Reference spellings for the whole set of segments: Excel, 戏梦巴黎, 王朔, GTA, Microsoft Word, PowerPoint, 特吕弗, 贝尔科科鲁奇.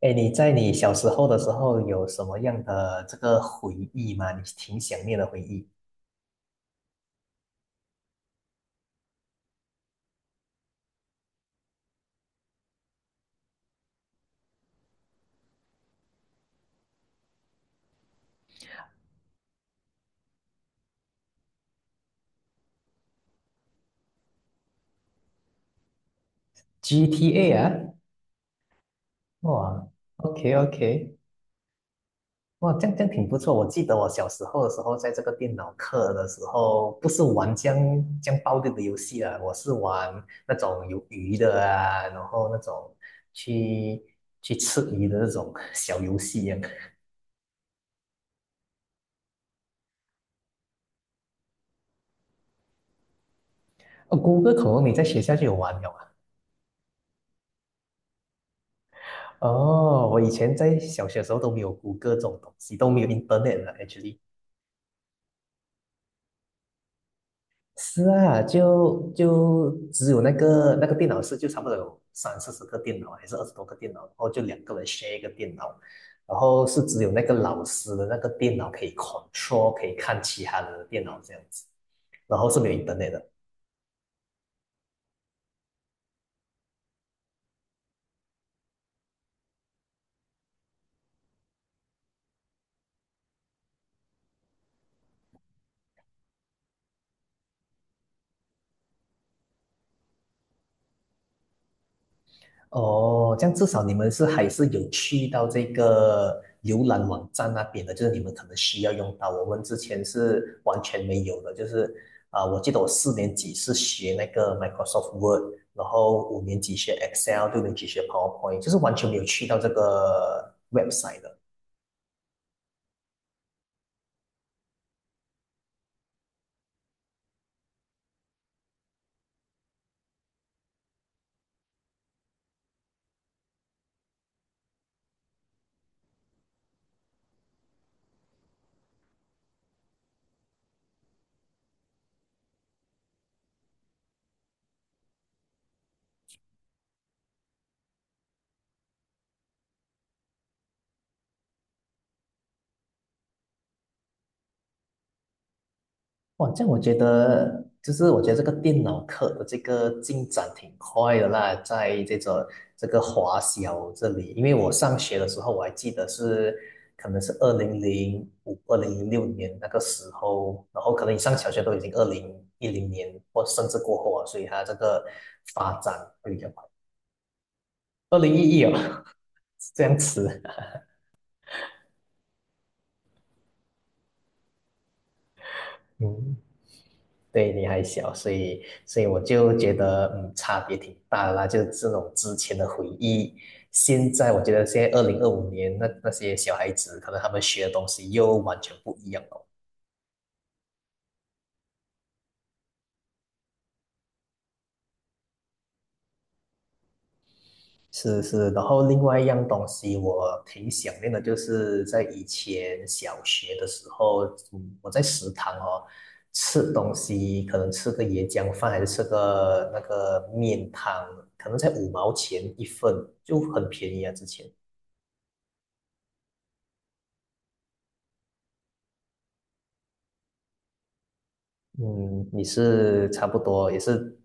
哎，你在你小时候的时候有什么样的这个回忆吗？你挺想念的回忆。GTA 啊，哇，OK OK，哇，这样挺不错。我记得我小时候的时候，在这个电脑课的时候，不是玩这样暴力的游戏啊，我是玩那种有鱼的啊，然后那种去去吃鱼的那种小游戏一样。哦，谷歌恐龙你在学校就有玩了哦，我以前在小学的时候都没有谷歌这种东西，都没有 internet 了，actually。是啊，就只有那个电脑室，就差不多有三四十个电脑，还是二十多个电脑，然后就两个人 share 一个电脑，然后是只有那个老师的那个电脑可以 control，可以看其他人的电脑这样子，然后是没有 internet 的。哦，这样至少你们是还是有去到这个浏览网站那边的，就是你们可能需要用到。我们之前是完全没有的，就是啊、我记得我四年级是学那个 Microsoft Word，然后五年级学 Excel，六年级学 PowerPoint，就是完全没有去到这个 website 的。哇，这样我觉得，就是我觉得这个电脑课的这个进展挺快的啦，在这个华小这里，因为我上学的时候，我还记得是可能是2005、2006年那个时候，然后可能你上小学都已经2010年或甚至过后啊，所以它这个发展会比较快。2011哦，这样子，嗯对，你还小，所以我就觉得，嗯，差别挺大的啦。就是这种之前的回忆，现在我觉得现在2025年那些小孩子，可能他们学的东西又完全不一样了。是是，然后另外一样东西我挺想念的，就是在以前小学的时候，嗯，我在食堂哦吃东西，可能吃个椰浆饭，还是吃个那个面汤，可能才五毛钱一份，就很便宜啊，之前。嗯，你是差不多也是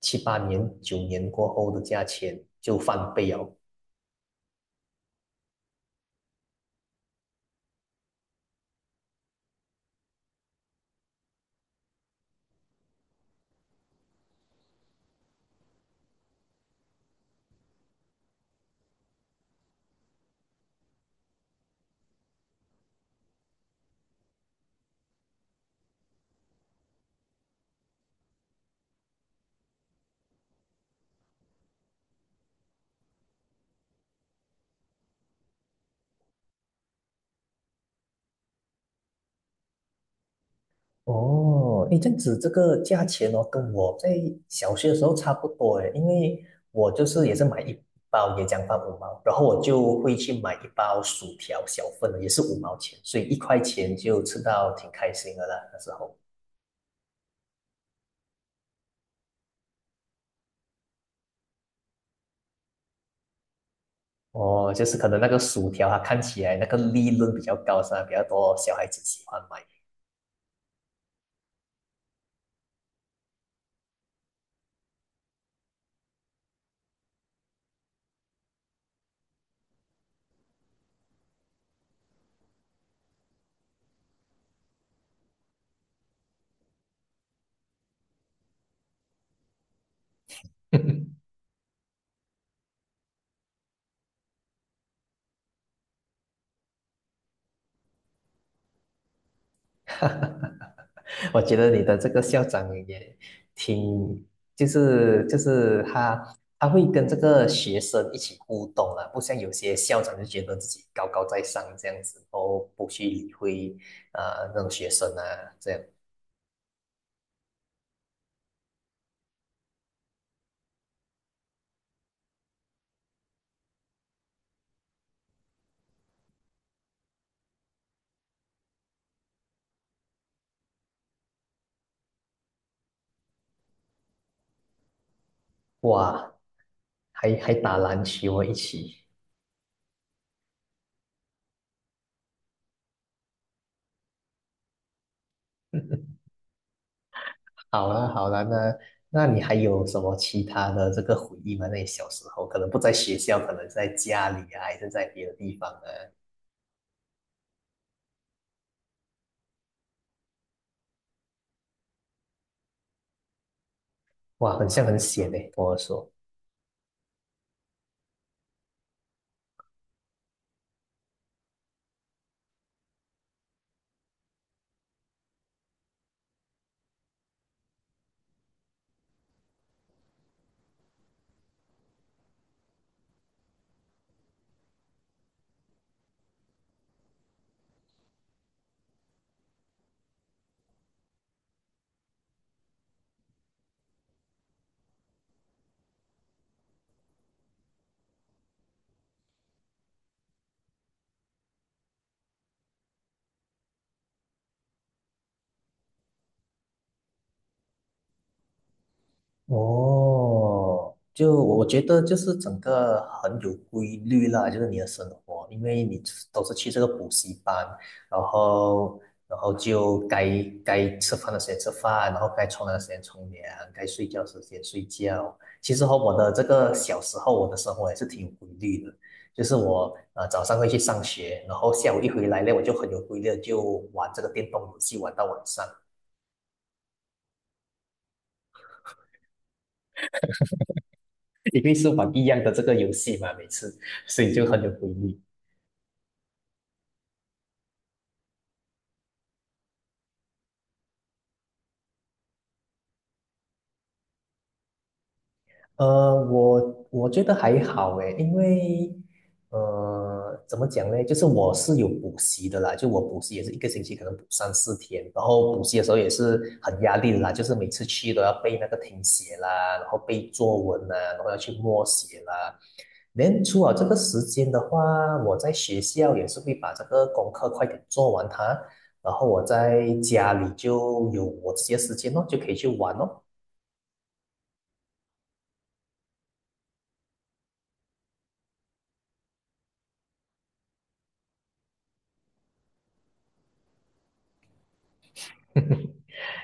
七八年、九年过后的价钱就翻倍哦。哦，诶，这样子这个价钱哦，跟我在小学的时候差不多诶，因为我就是也是买一包椰浆饭五毛，然后我就会去买一包薯条小份的，也是五毛钱，所以一块钱就吃到挺开心的啦，那时候。哦，就是可能那个薯条啊看起来那个利润比较高，是吧？比较多小孩子喜欢买。我觉得你的这个校长也挺，就是他会跟这个学生一起互动啊，不像有些校长就觉得自己高高在上这样子，然后不去理会那种学生啊，这样哇，还打篮球一起，好了好了，那你还有什么其他的这个回忆吗？那你小时候可能不在学校，可能在家里啊，还是在别的地方呢？哇，很像很险诶，跟我说。哦，就我觉得就是整个很有规律啦，就是你的生活，因为你都是去这个补习班，然后然后就该吃饭的时间吃饭，然后该冲凉的时间冲凉，该睡觉的时间睡觉。其实和我的这个小时候，我的生活也是挺有规律的，就是我早上会去上学，然后下午一回来呢，我就很有规律地就玩这个电动游戏玩到晚上。因为是玩一样的这个游戏嘛，每次，所以就很有回忆。我觉得还好诶，因为怎么讲呢？就是我是有补习的啦，就我补习也是一个星期可能补三四天，然后补习的时候也是很压力的啦，就是每次去都要背那个听写啦，然后背作文啦，然后要去默写啦。连初了这个时间的话，我在学校也是会把这个功课快点做完它，然后我在家里就有我自己的时间咯，就可以去玩哦。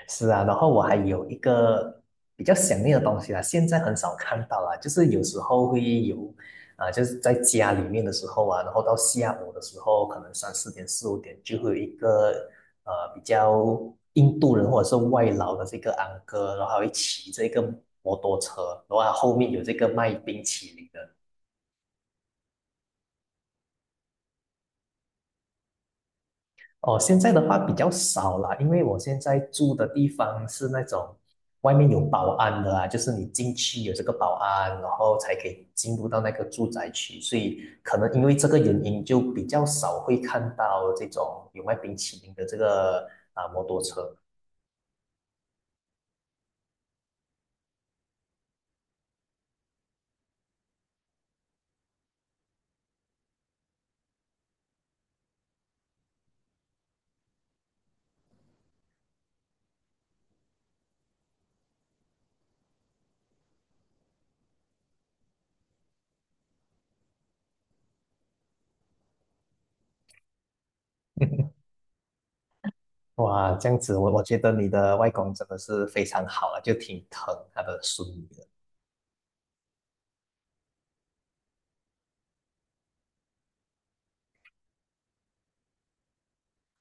是啊，然后我还有一个比较想念的东西啦，现在很少看到啦，就是有时候会有，啊、就是在家里面的时候啊，然后到下午的时候，可能三四点、四五点就会有一个比较印度人或者是外劳的这个安哥，然后还会骑这个摩托车，然后他后面有这个卖冰淇淋的，哦，现在的话比较少了，因为我现在住的地方是那种外面有保安的啊，就是你进去有这个保安，然后才可以进入到那个住宅区，所以可能因为这个原因，就比较少会看到这种有卖冰淇淋的这个啊摩托车。哇，这样子我觉得你的外公真的是非常好了，就挺疼他的孙女的。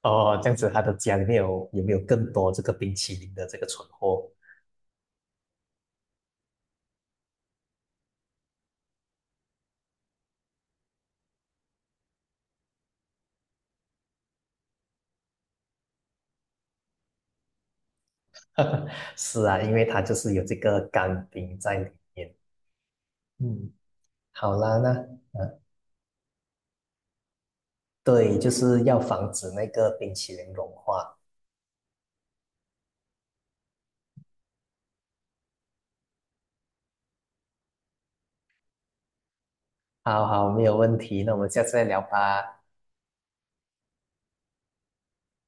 哦，这样子他的家里面有没有更多这个冰淇淋的这个存货？是啊，因为它就是有这个干冰在里面。嗯，好啦，那呃，对，就是要防止那个冰淇淋融化。好好，没有问题，那我们下次再聊吧，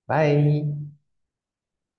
拜。